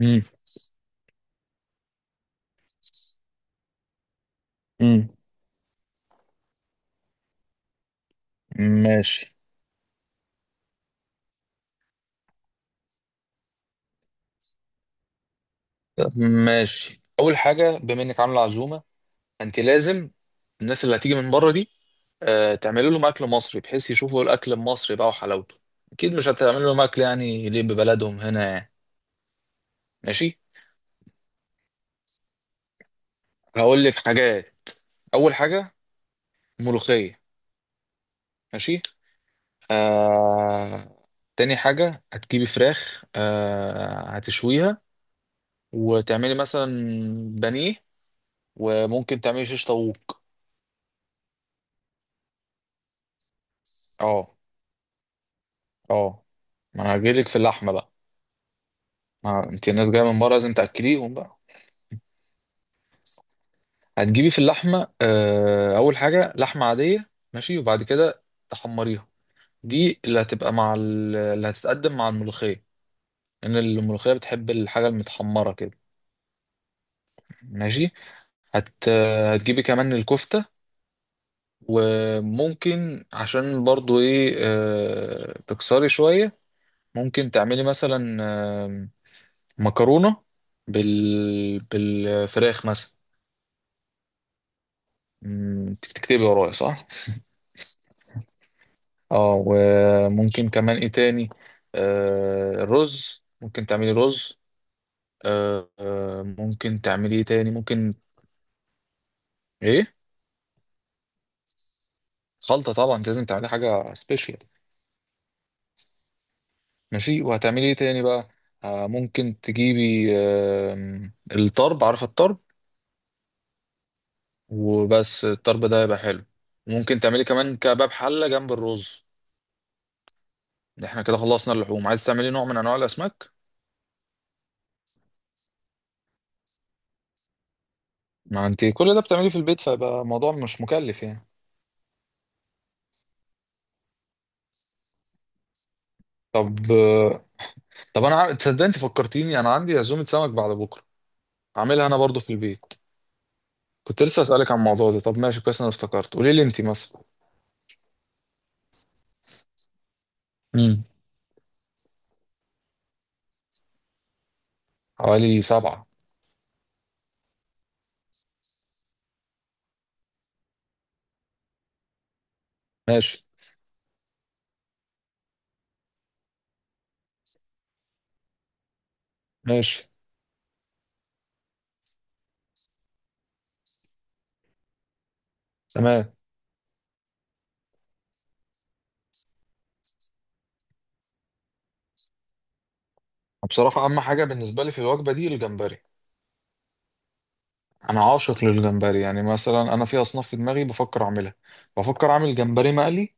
امم. امم. ماشي. طب، ماشي. اول حاجه، بما انك عامله عزومه انت لازم الناس اللي هتيجي من بره دي تعملي لهم اكل مصري، بحيث يشوفوا الاكل المصري بقى وحلاوته. اكيد مش هتعمل لهم اكل يعني ليه ببلدهم هنا يعني. ماشي. هقول لك حاجات. اول حاجه، ملوخيه. ماشي. آه... تاني حاجه، هتجيبي فراخ هتشويها، وتعملي مثلا بانيه، وممكن تعملي شيش طاووق. اه. اه، ما انا هجيلك في اللحمه بقى. ما انت الناس جايه من بره لازم تاكليهم بقى. هتجيبي في اللحمه اول حاجه لحمه عاديه ماشي، وبعد كده تحمريها. دي اللي هتبقى مع اللي هتتقدم مع الملوخيه، لان الملوخيه بتحب الحاجه المتحمره كده. ماشي. هت آه، هتجيبي كمان الكفته. وممكن عشان برضو ايه تكسري شويه. ممكن تعملي مثلا مكرونه بالفراخ مثلا. تكتبي ورايا صح؟ اه. وممكن كمان ايه تاني؟ الرز، ممكن تعملي رز. ممكن تعملي ايه تاني ممكن؟ ايه؟ خلطة، طبعا انت لازم تعملي حاجة سبيشال. ماشي، وهتعملي ايه تاني بقى؟ ممكن تجيبي الطرب، عارفة الطرب؟ وبس الطرب ده يبقى حلو. ممكن تعملي كمان كباب حلة جنب الرز. احنا كده خلصنا اللحوم، عايز تعملي نوع من انواع الاسماك. ما انت كل ده بتعمليه في البيت فيبقى الموضوع مش مكلف يعني. طب طب، انا تصدق انت فكرتيني؟ انا عندي عزومه سمك بعد بكره، عاملها انا برضو في البيت. كنت لسه اسالك عن الموضوع ده. طب ماشي، كويس انا افتكرت. قولي لي انت مثلا. امم. حوالي 7. ماشي. ماشي. تمام. بصراحه اهم حاجه بالنسبه لي في الوجبه دي الجمبري. انا عاشق للجمبري. يعني مثلا انا في اصناف في دماغي بفكر اعملها. بفكر اعمل جمبري مقلي،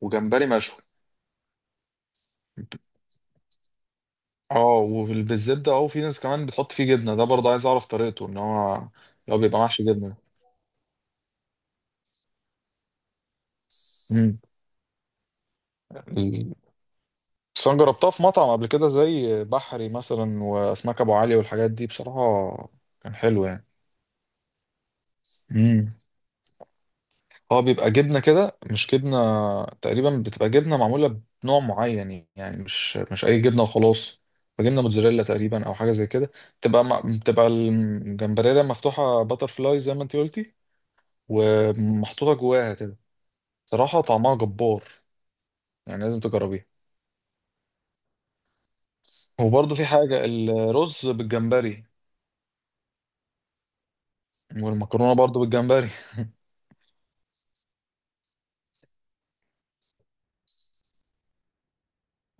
وجمبري مشوي. اه، وبالزبده. اه وفي ناس كمان بتحط فيه جبنه، ده برضه عايز اعرف طريقته ان هو لو بيبقى محشي جبنه. امم بس انا جربتها في مطعم قبل كده، زي بحري مثلا واسماك ابو علي والحاجات دي، بصراحه كان حلو يعني. امم هو بيبقى جبنه كده مش جبنه. تقريبا بتبقى جبنه معموله بنوع معين يعني، مش اي جبنه وخلاص. بتبقى جبنه موتزاريلا تقريبا، او حاجه زي كده. بتبقى بتبقى الجمبريلا مفتوحه باتر فلاي زي ما انت قلتي، ومحطوطه جواها كده. صراحه طعمها جبار، يعني لازم تجربيها. وبرضه في حاجه الرز بالجمبري، والمكرونه برضه بالجمبري.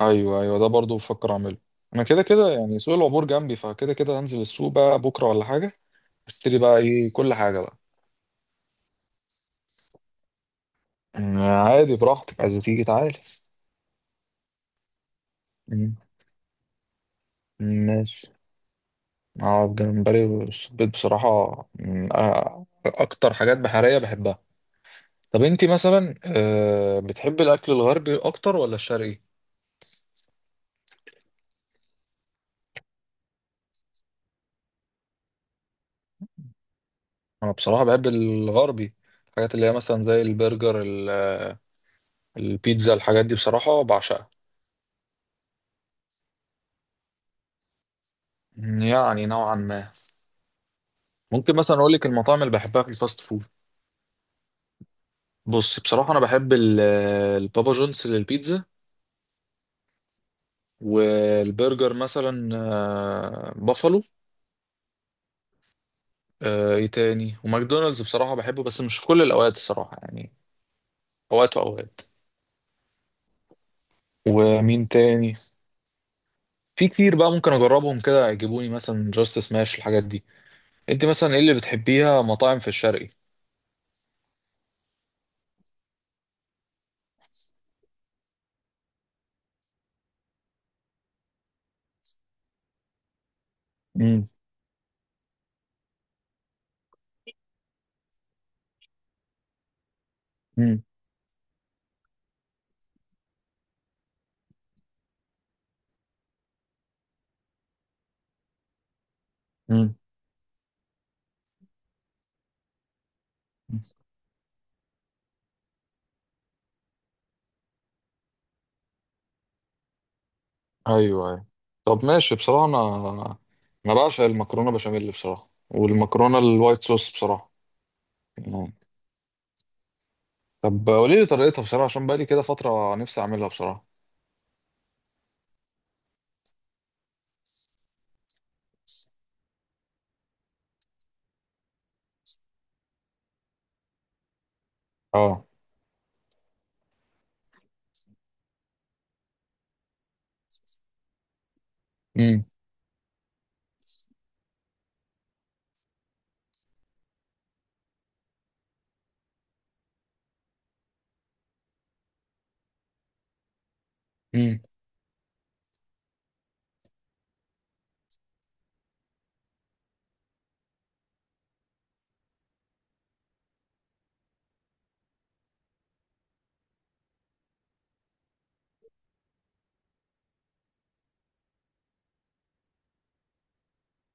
ايوه، ايوه، ده برضو بفكر اعمله. انا كده كده يعني، سوق العبور جنبي، فكده كده هنزل السوق بقى بكره ولا حاجه، اشتري بقى ايه كل حاجه بقى. عادي براحتك، عايز تيجي تعالى. أمم. ماشي. اه، الجمبري والسبيط بصراحه أمم، آه، اكتر حاجات بحريه بحبها. طب انتي مثلا بتحبي الاكل الغربي اكتر ولا الشرقي؟ انا بصراحه بحب الغربي. الحاجات اللي هي مثلا زي البرجر البيتزا، الحاجات دي بصراحه بعشقها. يعني نوعا ما. ممكن مثلا اقول لك المطاعم اللي بحبها في الفاست فود. بص بصراحه انا بحب البابا جونز للبيتزا. والبرجر مثلا بافالو. ايه تاني؟ وماكدونالدز بصراحه بحبه، بس مش في كل الاوقات الصراحه يعني، اوقات واوقات. ومين تاني؟ في كتير بقى ممكن اجربهم، كده يجيبوني مثلا جاست سماش، الحاجات دي. انت مثلا ايه اللي بتحبيها مطاعم في الشرقي؟ امم. امم. ايوه. ايوه. طب ماشي، بصراحه انا بعشق المكرونه بشاميل بصراحه، والمكرونه الوايت صوص بصراحه يعني. طب قولي لي طريقتها بصراحه، عشان بقالي كده فتره نفسي اعملها بصراحه. اه. امم. امم.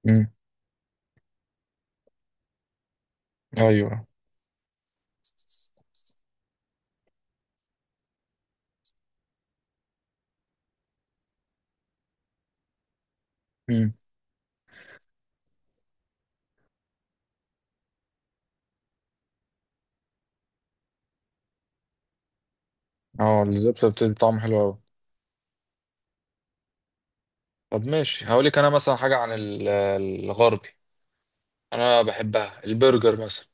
امم. ايوه. امم. اه، الزبده بتدي طعم حلو قوي. طب ماشي هقول لك انا مثلا حاجه عن الغربي. انا بحبها البرجر مثلا.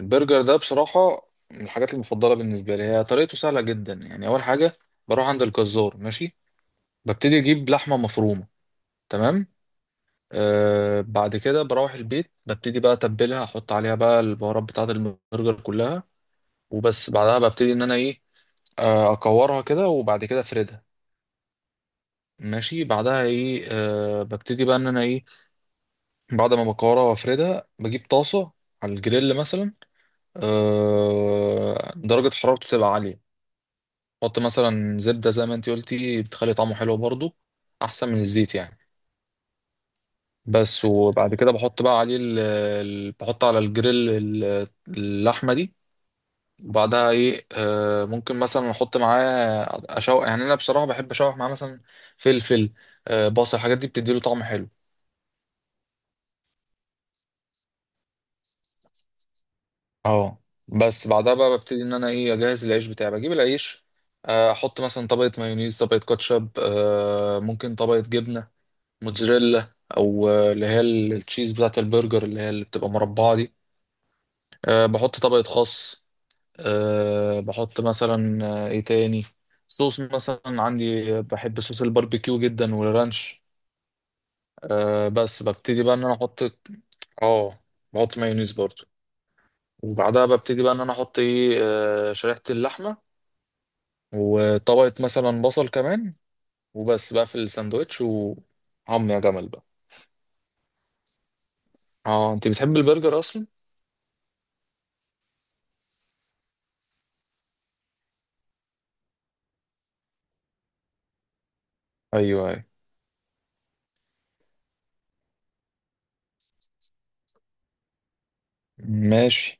البرجر ده بصراحه من الحاجات المفضله بالنسبه لي، هي طريقته سهله جدا يعني. اول حاجه بروح عند الجزار، ماشي. ببتدي اجيب لحمه مفرومه. تمام. بعد كده بروح البيت، ببتدي بقى اتبلها، احط عليها بقى البهارات بتاعه البرجر كلها. وبس بعدها ببتدي ان انا ايه، اكورها كده، وبعد كده افردها. ماشي بعدها ايه، ببتدي بقى ان انا ايه، بعد ما بكورها وافردها بجيب طاسه، على الجريل مثلا، درجه حرارته تبقى عاليه. احط مثلا زبده زي ما انت قلتي، بتخلي طعمه حلو برضو، احسن من الزيت يعني. بس وبعد كده بحط بقى عليه بحط على الجريل اللحمة دي. وبعدها ايه، ممكن مثلا احط معاه، اشوح يعني. انا بصراحة بحب اشوح معاه مثلا فلفل، بصل، الحاجات دي بتديله طعم حلو. اه بس بعدها بقى ببتدي ان انا ايه، اجهز العيش بتاعي، بجيب العيش. احط مثلا طبقة مايونيز، طبقة كاتشب، ممكن طبقة جبنة موتزاريلا، او اللي هي التشيز بتاعة البرجر، اللي هي اللي بتبقى مربعة دي. بحط طبقة خس. بحط مثلا ايه تاني؟ صوص مثلا عندي، بحب صوص الباربيكيو جدا والرانش. بس ببتدي بقى ان انا احط. اه، بحط مايونيز برضو. وبعدها ببتدي بقى ان انا احط ايه، شريحة اللحمة، وطبقة مثلا بصل كمان. وبس بقى في الساندوتش، وعم يا جمل بقى. اه، انت بتحب البرجر اصلا؟ ايوه. ايوه. ماشي.